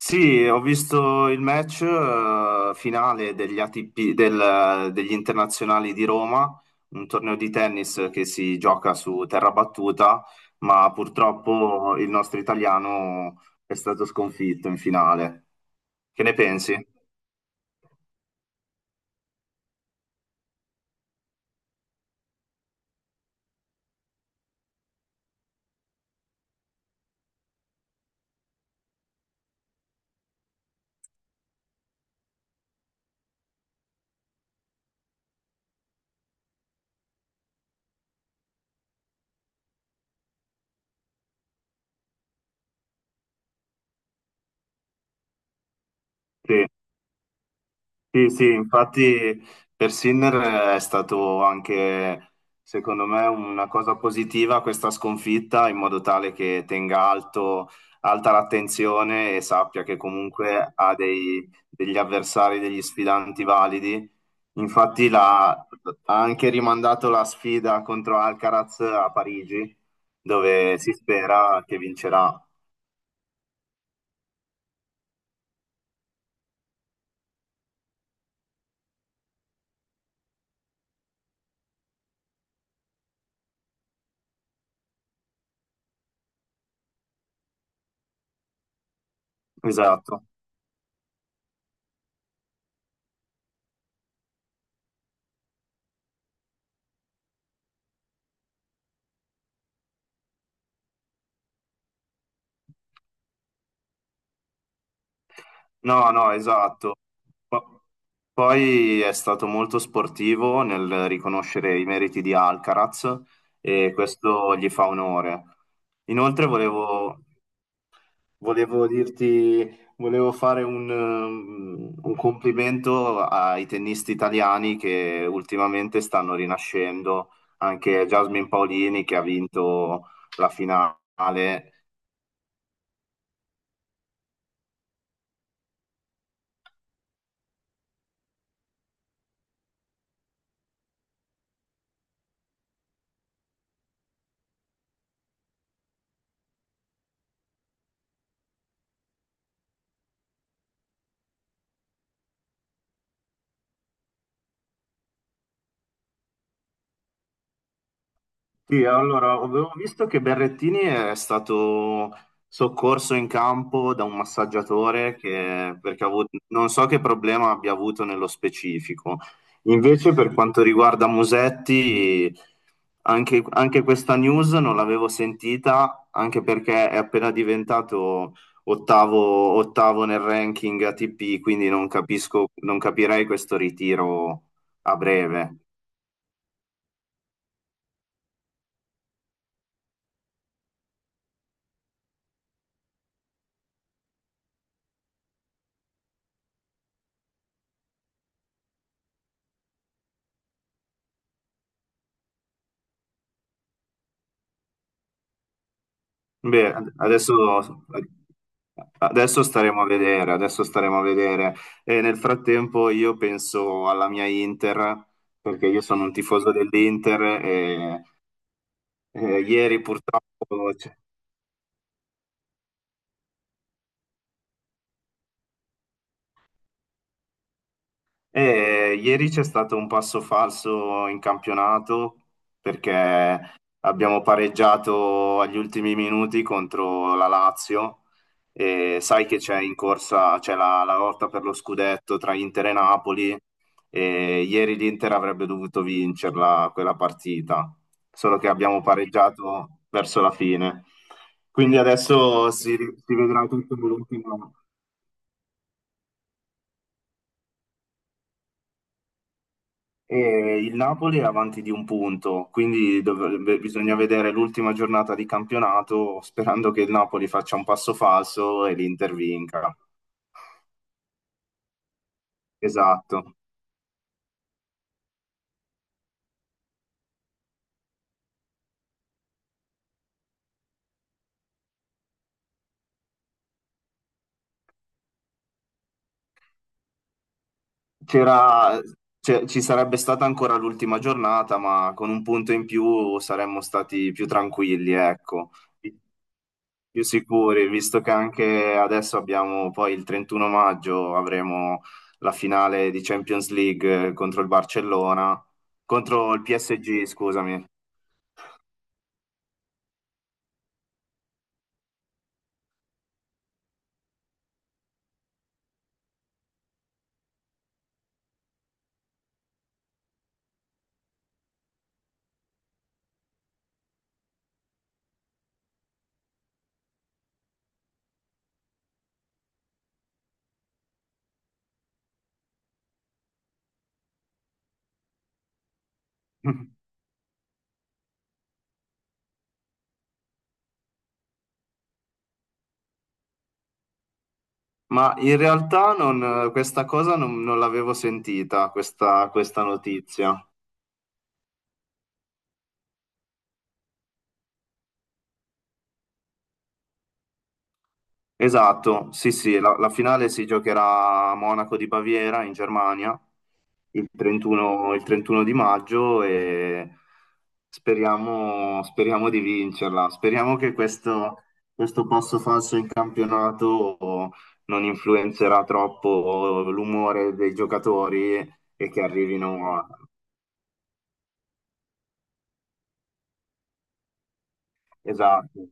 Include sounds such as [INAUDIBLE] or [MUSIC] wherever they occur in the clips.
Sì, ho visto il match finale degli ATP, degli internazionali di Roma, un torneo di tennis che si gioca su terra battuta, ma purtroppo il nostro italiano è stato sconfitto in finale. Che ne pensi? Sì. Sì, sì, infatti per Sinner è stato anche, secondo me, una cosa positiva questa sconfitta, in modo tale che tenga alto, alta l'attenzione e sappia che comunque ha degli avversari, degli sfidanti validi. Infatti ha anche rimandato la sfida contro Alcaraz a Parigi, dove si spera che vincerà. Esatto. No, no, esatto. Po- Poi è stato molto sportivo nel riconoscere i meriti di Alcaraz e questo gli fa onore. Inoltre volevo dirti, volevo fare un, un complimento ai tennisti italiani che ultimamente stanno rinascendo, anche Jasmine Paolini che ha vinto la finale. Sì, allora, avevo visto che Berrettini è stato soccorso in campo da un massaggiatore che, perché ha avuto, non so che problema abbia avuto nello specifico. Invece, per quanto riguarda Musetti, anche questa news non l'avevo sentita, anche perché è appena diventato ottavo nel ranking ATP, quindi non capisco, non capirei questo ritiro a breve. Beh, adesso, adesso staremo a vedere, adesso staremo a vedere. E nel frattempo io penso alla mia Inter, perché io sono un tifoso dell'Inter e ieri purtroppo... E ieri c'è stato un passo falso in campionato perché abbiamo pareggiato agli ultimi minuti contro la Lazio e sai che c'è in corsa, c'è la lotta per lo scudetto tra Inter e Napoli e ieri l'Inter avrebbe dovuto vincerla quella partita, solo che abbiamo pareggiato verso la fine. Quindi adesso si vedrà tutto l'ultimo. E il Napoli è avanti di un punto, quindi bisogna vedere l'ultima giornata di campionato sperando che il Napoli faccia un passo falso e l'Inter vinca. Esatto. C'era- Ci sarebbe stata ancora l'ultima giornata, ma con un punto in più saremmo stati più tranquilli, ecco. Più sicuri, visto che anche adesso abbiamo poi il 31 maggio avremo la finale di Champions League contro il Barcellona, contro il PSG, scusami. [LAUGHS] Ma in realtà non, questa cosa non, non l'avevo sentita, questa notizia. Esatto, sì, sì, la finale si giocherà a Monaco di Baviera in Germania il 31, il 31 di maggio e speriamo, speriamo di vincerla. Speriamo che questo passo falso in campionato non influenzerà troppo l'umore dei giocatori e che arrivino a... Esatto.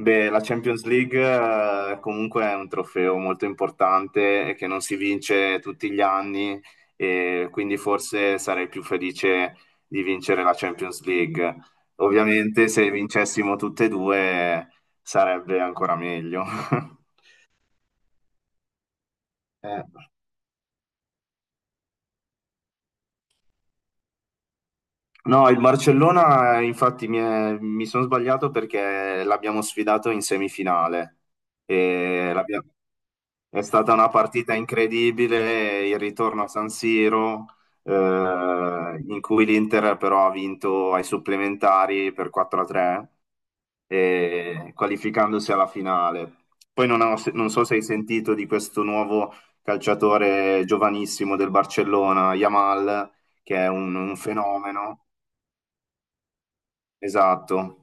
Beh, la Champions League comunque è un trofeo molto importante e che non si vince tutti gli anni e quindi forse sarei più felice di vincere la Champions League. Ovviamente se vincessimo tutte e due sarebbe ancora meglio. [LAUGHS] Eh. No, il Barcellona, infatti, mi sono sbagliato perché l'abbiamo sfidato in semifinale. E l'abbia- È stata una partita incredibile, il ritorno a San Siro, eh, in cui l'Inter però ha vinto ai supplementari per 4-3, qualificandosi alla finale. Poi non so se hai sentito di questo nuovo calciatore giovanissimo del Barcellona, Yamal, che è un fenomeno. Esatto,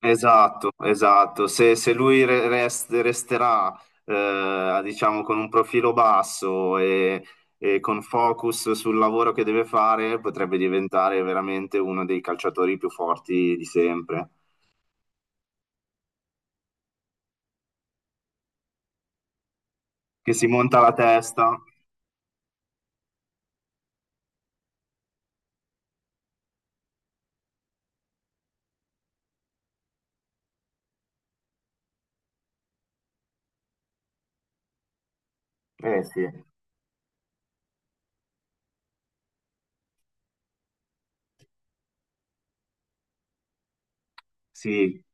esatto, esatto. Se, se lui resterà, diciamo, con un profilo basso e con focus sul lavoro che deve fare, potrebbe diventare veramente uno dei calciatori più forti di sempre. Che si monta la testa. Eh sì, sì.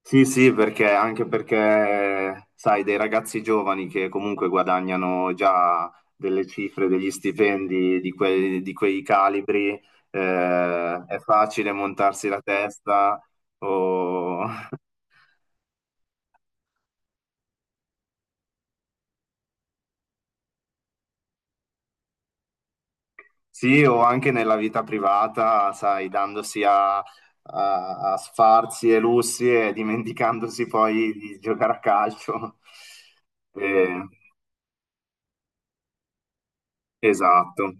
Sì, sì, perché anche perché, sai, dei ragazzi giovani che comunque guadagnano già delle cifre, degli stipendi di di quei calibri, è facile montarsi la testa o... [LAUGHS] Sì, o anche nella vita privata, sai, dandosi a, a sfarzi e lussi e dimenticandosi poi di giocare a calcio. Eh, esatto,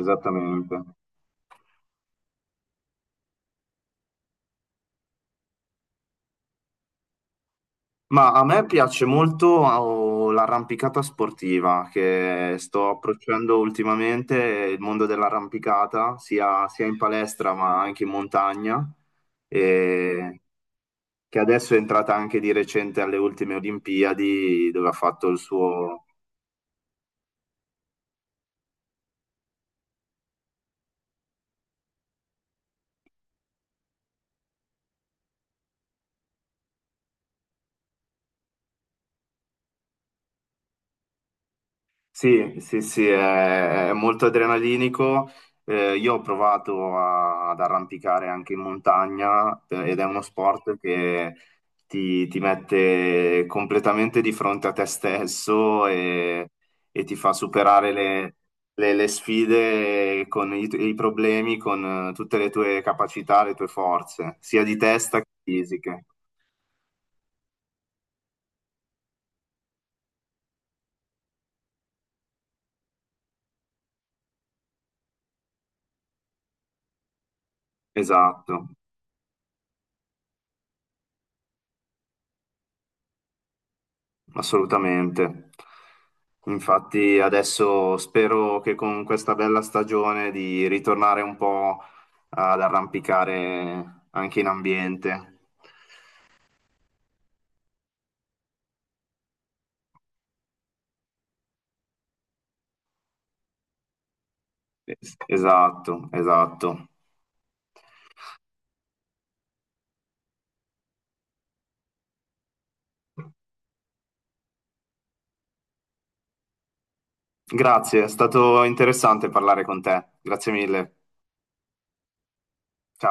esattamente. Ma a me piace molto oh, l'arrampicata sportiva che sto approcciando ultimamente, il mondo dell'arrampicata, sia in palestra ma anche in montagna, e che adesso è entrata anche di recente alle ultime Olimpiadi dove ha fatto il suo. Sì, sì, sì, è molto adrenalinico. Io ho provato ad arrampicare anche in montagna ed è uno sport che ti mette completamente di fronte a te stesso e ti fa superare le, le sfide con i problemi, con tutte le tue capacità, le tue forze, sia di testa che fisiche. Esatto. Assolutamente. Infatti adesso spero che con questa bella stagione di ritornare un po' ad arrampicare anche in ambiente. Esatto, esatto. Grazie, è stato interessante parlare con te. Grazie mille. Ciao.